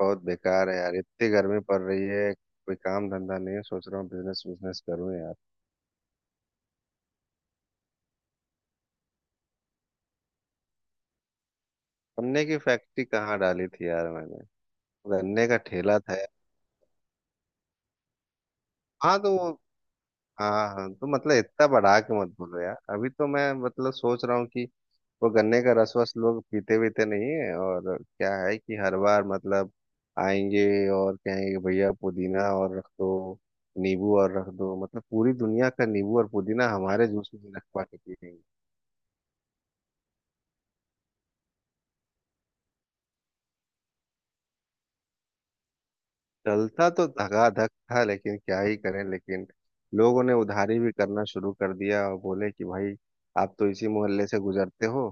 बहुत बेकार है यार। इतनी गर्मी पड़ रही है। कोई काम धंधा नहीं है। सोच रहा हूँ बिजनेस बिजनेस करूँ यार। गन्ने की फैक्ट्री कहाँ डाली थी यार मैंने? गन्ने का ठेला था यार। हाँ, तो वो। हाँ हाँ, तो मतलब इतना बढ़ा के मत बोलो यार। अभी तो मैं मतलब सोच रहा हूँ कि वो गन्ने का रस वस लोग पीते वीते नहीं है। और क्या है कि हर बार मतलब आएंगे और कहेंगे कि भैया पुदीना और रख दो, नींबू और रख दो। मतलब पूरी दुनिया का नींबू और पुदीना हमारे जूस में रखवा के पिएंगे। चलता तो धगाधक था, लेकिन क्या ही करें। लेकिन लोगों ने उधारी भी करना शुरू कर दिया और बोले कि भाई आप तो इसी मोहल्ले से गुजरते हो।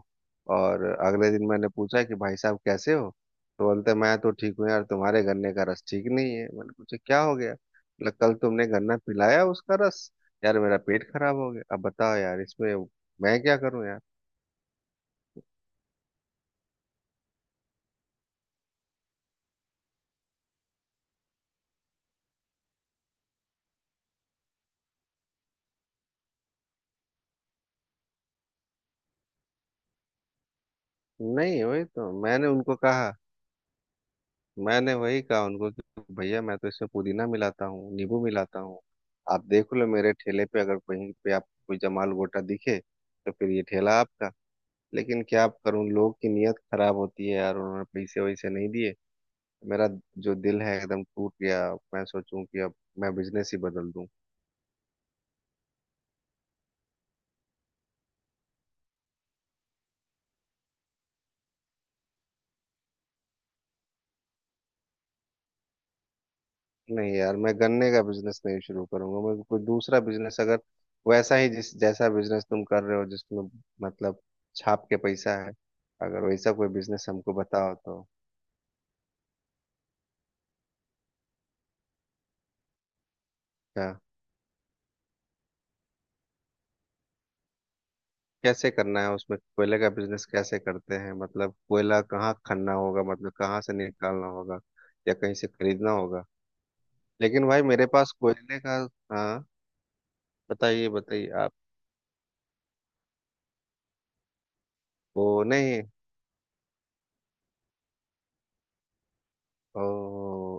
और अगले दिन मैंने पूछा कि भाई साहब कैसे हो? तो बोलते मैं तो ठीक हूँ यार, तुम्हारे गन्ने का रस ठीक नहीं है। मैंने पूछा क्या हो गया? बोला कल तुमने गन्ना पिलाया, उसका रस, यार मेरा पेट खराब हो गया। अब बताओ यार इसमें मैं क्या करूँ यार? नहीं, वही तो मैंने उनको कहा। मैंने वही कहा उनको कि भैया मैं तो इसमें पुदीना मिलाता हूँ, नींबू मिलाता हूँ। आप देख लो मेरे ठेले पे, अगर कहीं पे आप कोई जमाल गोटा दिखे तो फिर ये ठेला आपका। लेकिन क्या आप करूँ, लोग की नीयत खराब होती है यार। उन्होंने पैसे वैसे नहीं दिए। मेरा जो दिल है एकदम टूट गया। मैं सोचूं कि अब मैं बिजनेस ही बदल दूं। नहीं यार, मैं गन्ने का बिजनेस नहीं शुरू करूंगा। मैं कोई दूसरा बिजनेस, अगर वैसा ही जिस जैसा बिजनेस तुम कर रहे हो जिसमें मतलब छाप के पैसा है, अगर वैसा कोई बिजनेस हमको बताओ तो। क्या? कैसे करना है उसमें? कोयले का बिजनेस कैसे करते हैं? मतलब कोयला कहाँ खनना होगा, मतलब कहाँ से निकालना होगा, या कहीं से खरीदना होगा? लेकिन भाई मेरे पास कोयले का। हाँ, बताइए बताइए आप। वो नहीं। ओ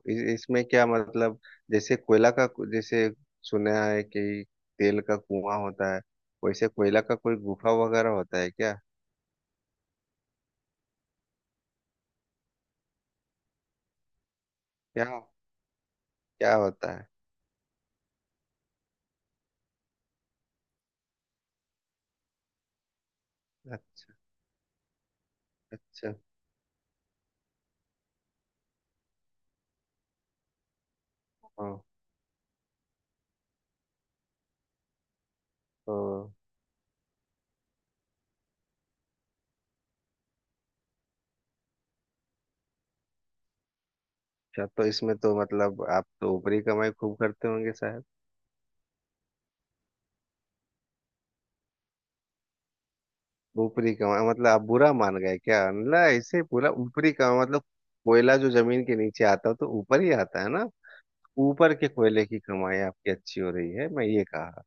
इ, इसमें क्या मतलब? जैसे कोयला का, जैसे सुना है कि तेल का कुआं होता है, वैसे कोयला का कोई गुफा वगैरह होता है क्या? क्या? क्या होता है? अच्छा। अच्छा, हाँ तो। अच्छा, तो इसमें तो मतलब आप तो ऊपरी कमाई खूब करते होंगे साहब। ऊपरी कमाई मतलब, आप बुरा मान गए क्या? मतलब ऐसे पूरा ऊपरी कमाई मतलब, कोयला जो जमीन के नीचे आता है तो ऊपर ही आता है ना। ऊपर के कोयले की कमाई आपकी अच्छी हो रही है, मैं ये कहा।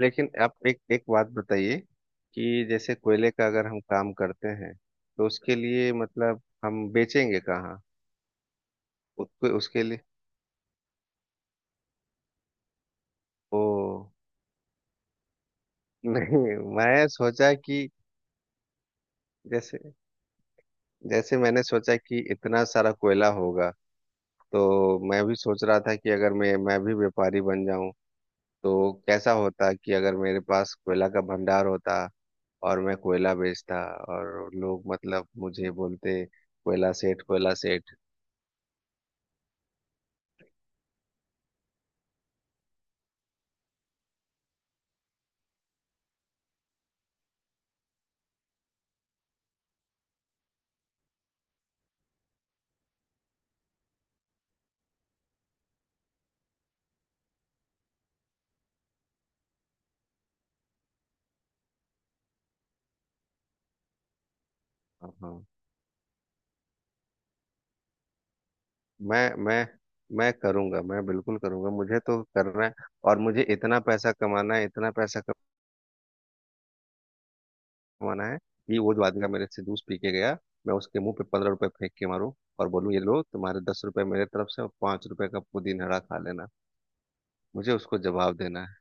लेकिन आप एक एक बात बताइए कि जैसे कोयले का अगर हम काम करते हैं तो उसके लिए मतलब हम बेचेंगे कहाँ? उसको उसके लिए, ओ। नहीं, मैं सोचा कि जैसे, जैसे मैंने सोचा कि इतना सारा कोयला होगा, तो मैं भी सोच रहा था कि अगर मैं भी व्यापारी बन जाऊं, तो कैसा होता कि अगर मेरे पास कोयला का भंडार होता और मैं कोयला बेचता, और लोग मतलब मुझे बोलते कोयला सेठ, कोयला सेठ। हाँ हाँ। मैं मैं मैं करूंगा, मैं बिल्कुल करूंगा। मुझे तो करना है। और मुझे इतना पैसा कमाना है, इतना पैसा कमाना है कि वो जो आदमी का मेरे से जूस पी के गया, मैं उसके मुंह पे 15 रुपए फेंक के मारूं और बोलूं ये लो तुम्हारे 10 रुपए मेरे तरफ से और 5 रुपए का पुदीन हरा खा लेना। मुझे उसको जवाब देना है।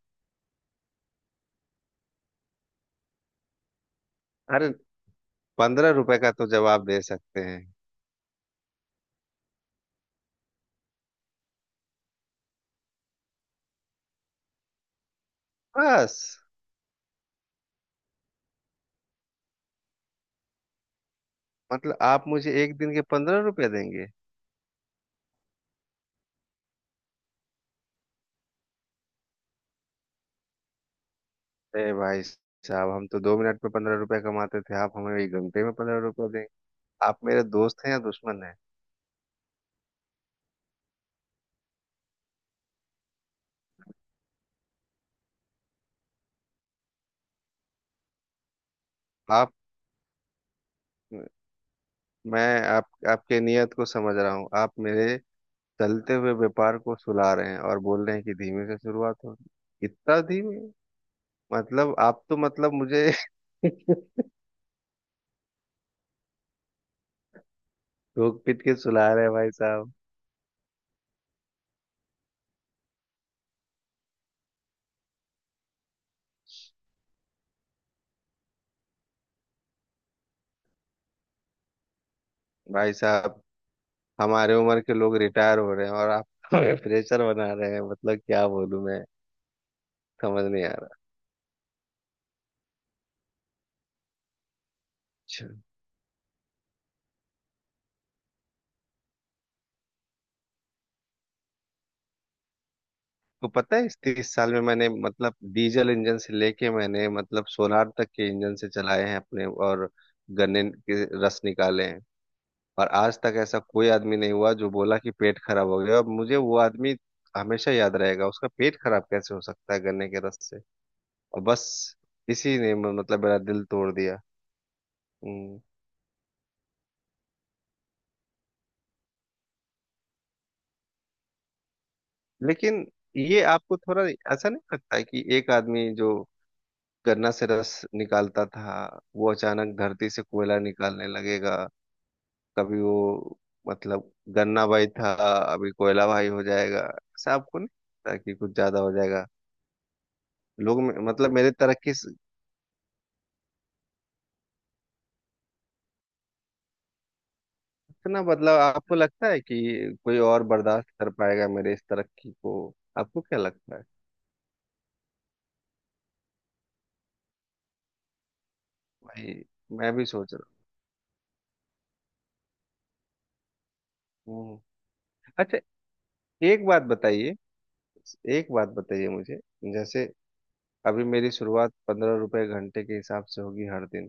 अरे 15 रुपए का तो जवाब दे सकते हैं। बस, मतलब आप मुझे एक दिन के 15 रुपए देंगे? अरे भाई साहब, हम तो 2 मिनट में 15 रुपए कमाते थे, आप हमें एक घंटे में 15 रुपए देंगे? आप मेरे दोस्त हैं या दुश्मन हैं? आप मैं आप आपके नियत को समझ रहा हूँ। आप मेरे चलते हुए व्यापार को सुला रहे हैं और बोल रहे हैं कि धीमे से शुरुआत हो। इतना धीमे, मतलब आप तो मतलब मुझे ठोक पीट के सुला रहे हैं भाई साहब। भाई साहब, हमारे उम्र के लोग रिटायर हो रहे हैं और आप हमें प्रेशर बना रहे हैं। मतलब क्या बोलूं मैं? समझ नहीं आ रहा। अच्छा, तो पता है इस 30 साल में मैंने मतलब डीजल इंजन से लेके मैंने मतलब सोनार तक के इंजन से चलाए हैं अपने, और गन्ने के रस निकाले हैं। और आज तक ऐसा कोई आदमी नहीं हुआ जो बोला कि पेट खराब हो गया, और मुझे वो आदमी हमेशा याद रहेगा, उसका पेट खराब कैसे हो सकता है गन्ने के रस से? और बस इसी ने मतलब मेरा दिल तोड़ दिया। हम्म, लेकिन ये आपको थोड़ा ऐसा नहीं लगता है कि एक आदमी जो गन्ना से रस निकालता था, वो अचानक धरती से कोयला निकालने लगेगा? कभी वो मतलब गन्ना भाई था, अभी कोयला भाई हो जाएगा? ऐसा आपको नहीं लगता कि कुछ ज्यादा हो जाएगा? लोग मतलब मेरे तरक्की, इतना बदलाव आपको लगता है कि कोई और बर्दाश्त कर पाएगा मेरे इस तरक्की को? आपको क्या लगता है? भाई, मैं भी सोच रहा हूँ। हम्म। अच्छा, एक बात बताइए, एक बात बताइए मुझे। जैसे अभी मेरी शुरुआत 15 रुपए घंटे के हिसाब से होगी हर दिन,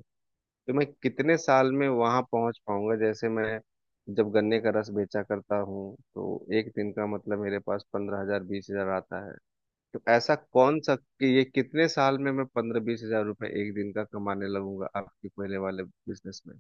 तो मैं कितने साल में वहां पहुंच पाऊंगा? जैसे मैं जब गन्ने का रस बेचा करता हूँ तो एक दिन का मतलब मेरे पास 15 हजार 20 हजार आता है, तो ऐसा कौन सा कि ये कितने साल में मैं 15-20 हजार रुपए एक दिन का कमाने लगूंगा आपके पहले वाले बिजनेस में?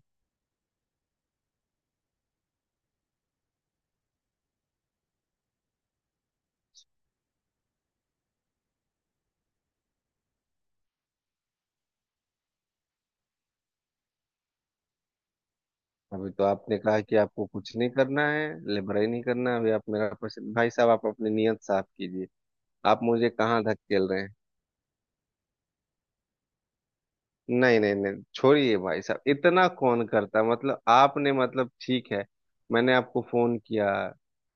अभी तो आपने कहा कि आपको कुछ नहीं करना है, लेबर ही नहीं करना है, अभी आप मेरा पैसे, भाई साहब आप अपनी नियत साफ कीजिए। आप मुझे कहाँ धकेल रहे हैं? नहीं नहीं नहीं, छोड़िए भाई साहब, इतना कौन करता है? मतलब आपने मतलब ठीक है। मैंने आपको फोन किया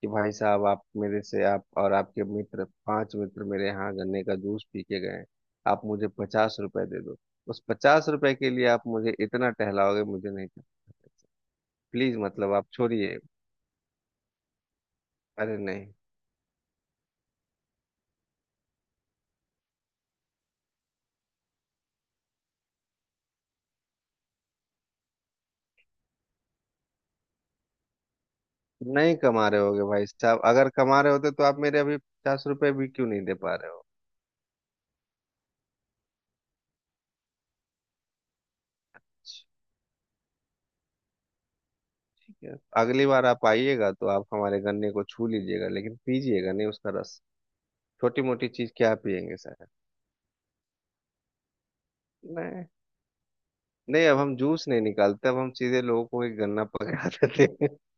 कि भाई साहब, आप मेरे से आप और आपके मित्र, 5 मित्र मेरे यहाँ गन्ने का जूस पी के गए, आप मुझे 50 रुपए दे दो। उस 50 रुपए के लिए आप मुझे इतना टहलाओगे? मुझे नहीं। प्लीज, मतलब आप छोड़िए। अरे नहीं, नहीं कमा रहे होगे भाई साहब, अगर कमा रहे होते तो आप मेरे अभी 50 रुपए भी क्यों नहीं दे पा रहे हो? है। अगली बार आप आइएगा तो आप हमारे गन्ने को छू लीजिएगा, लेकिन पीजिएगा नहीं उसका रस। छोटी मोटी चीज क्या पियेंगे सर? नहीं। नहीं, अब हम जूस नहीं निकालते, अब हम सीधे लोगों को एक गन्ना पकड़ा देते हैं।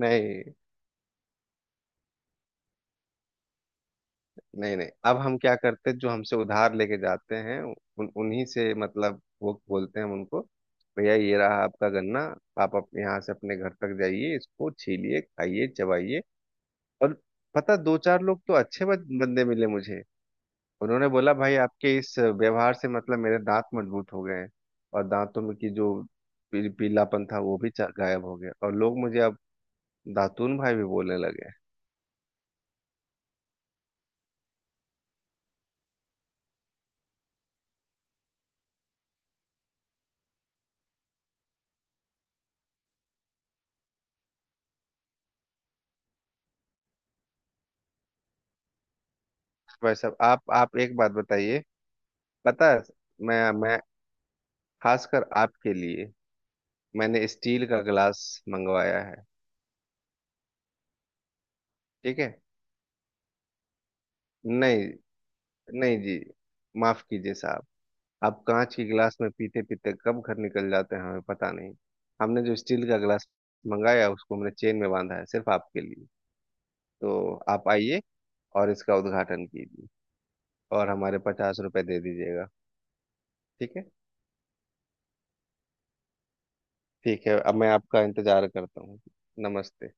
नहीं नहीं नहीं, अब हम क्या करते हैं, जो हमसे उधार लेके जाते हैं उन उन्हीं से, मतलब वो बोलते हैं, हम उनको भैया ये रहा आपका गन्ना, आप अपने यहाँ से अपने घर तक जाइए, इसको छीलिए, खाइए, चबाइए। और पता, दो चार लोग तो अच्छे बंदे मिले मुझे। उन्होंने बोला भाई आपके इस व्यवहार से मतलब मेरे दांत मजबूत हो गए हैं, और दांतों में की जो पीलापन था वो भी गायब हो गया, और लोग मुझे अब दातून भाई भी बोलने लगे हैं। भाई साहब, आप एक बात बताइए। पता है, मैं खासकर आपके लिए मैंने स्टील का गिलास मंगवाया है। ठीक है। नहीं। नहीं जी, माफ कीजिए साहब, आप कांच के गिलास में पीते पीते कब घर निकल जाते हैं हमें पता नहीं। हमने जो स्टील का गिलास मंगाया उसको हमने चेन में बांधा है सिर्फ आपके लिए, तो आप आइए और इसका उद्घाटन कीजिए, और हमारे 50 रुपए दे दीजिएगा। ठीक है, ठीक है, अब मैं आपका इंतजार करता हूँ। नमस्ते।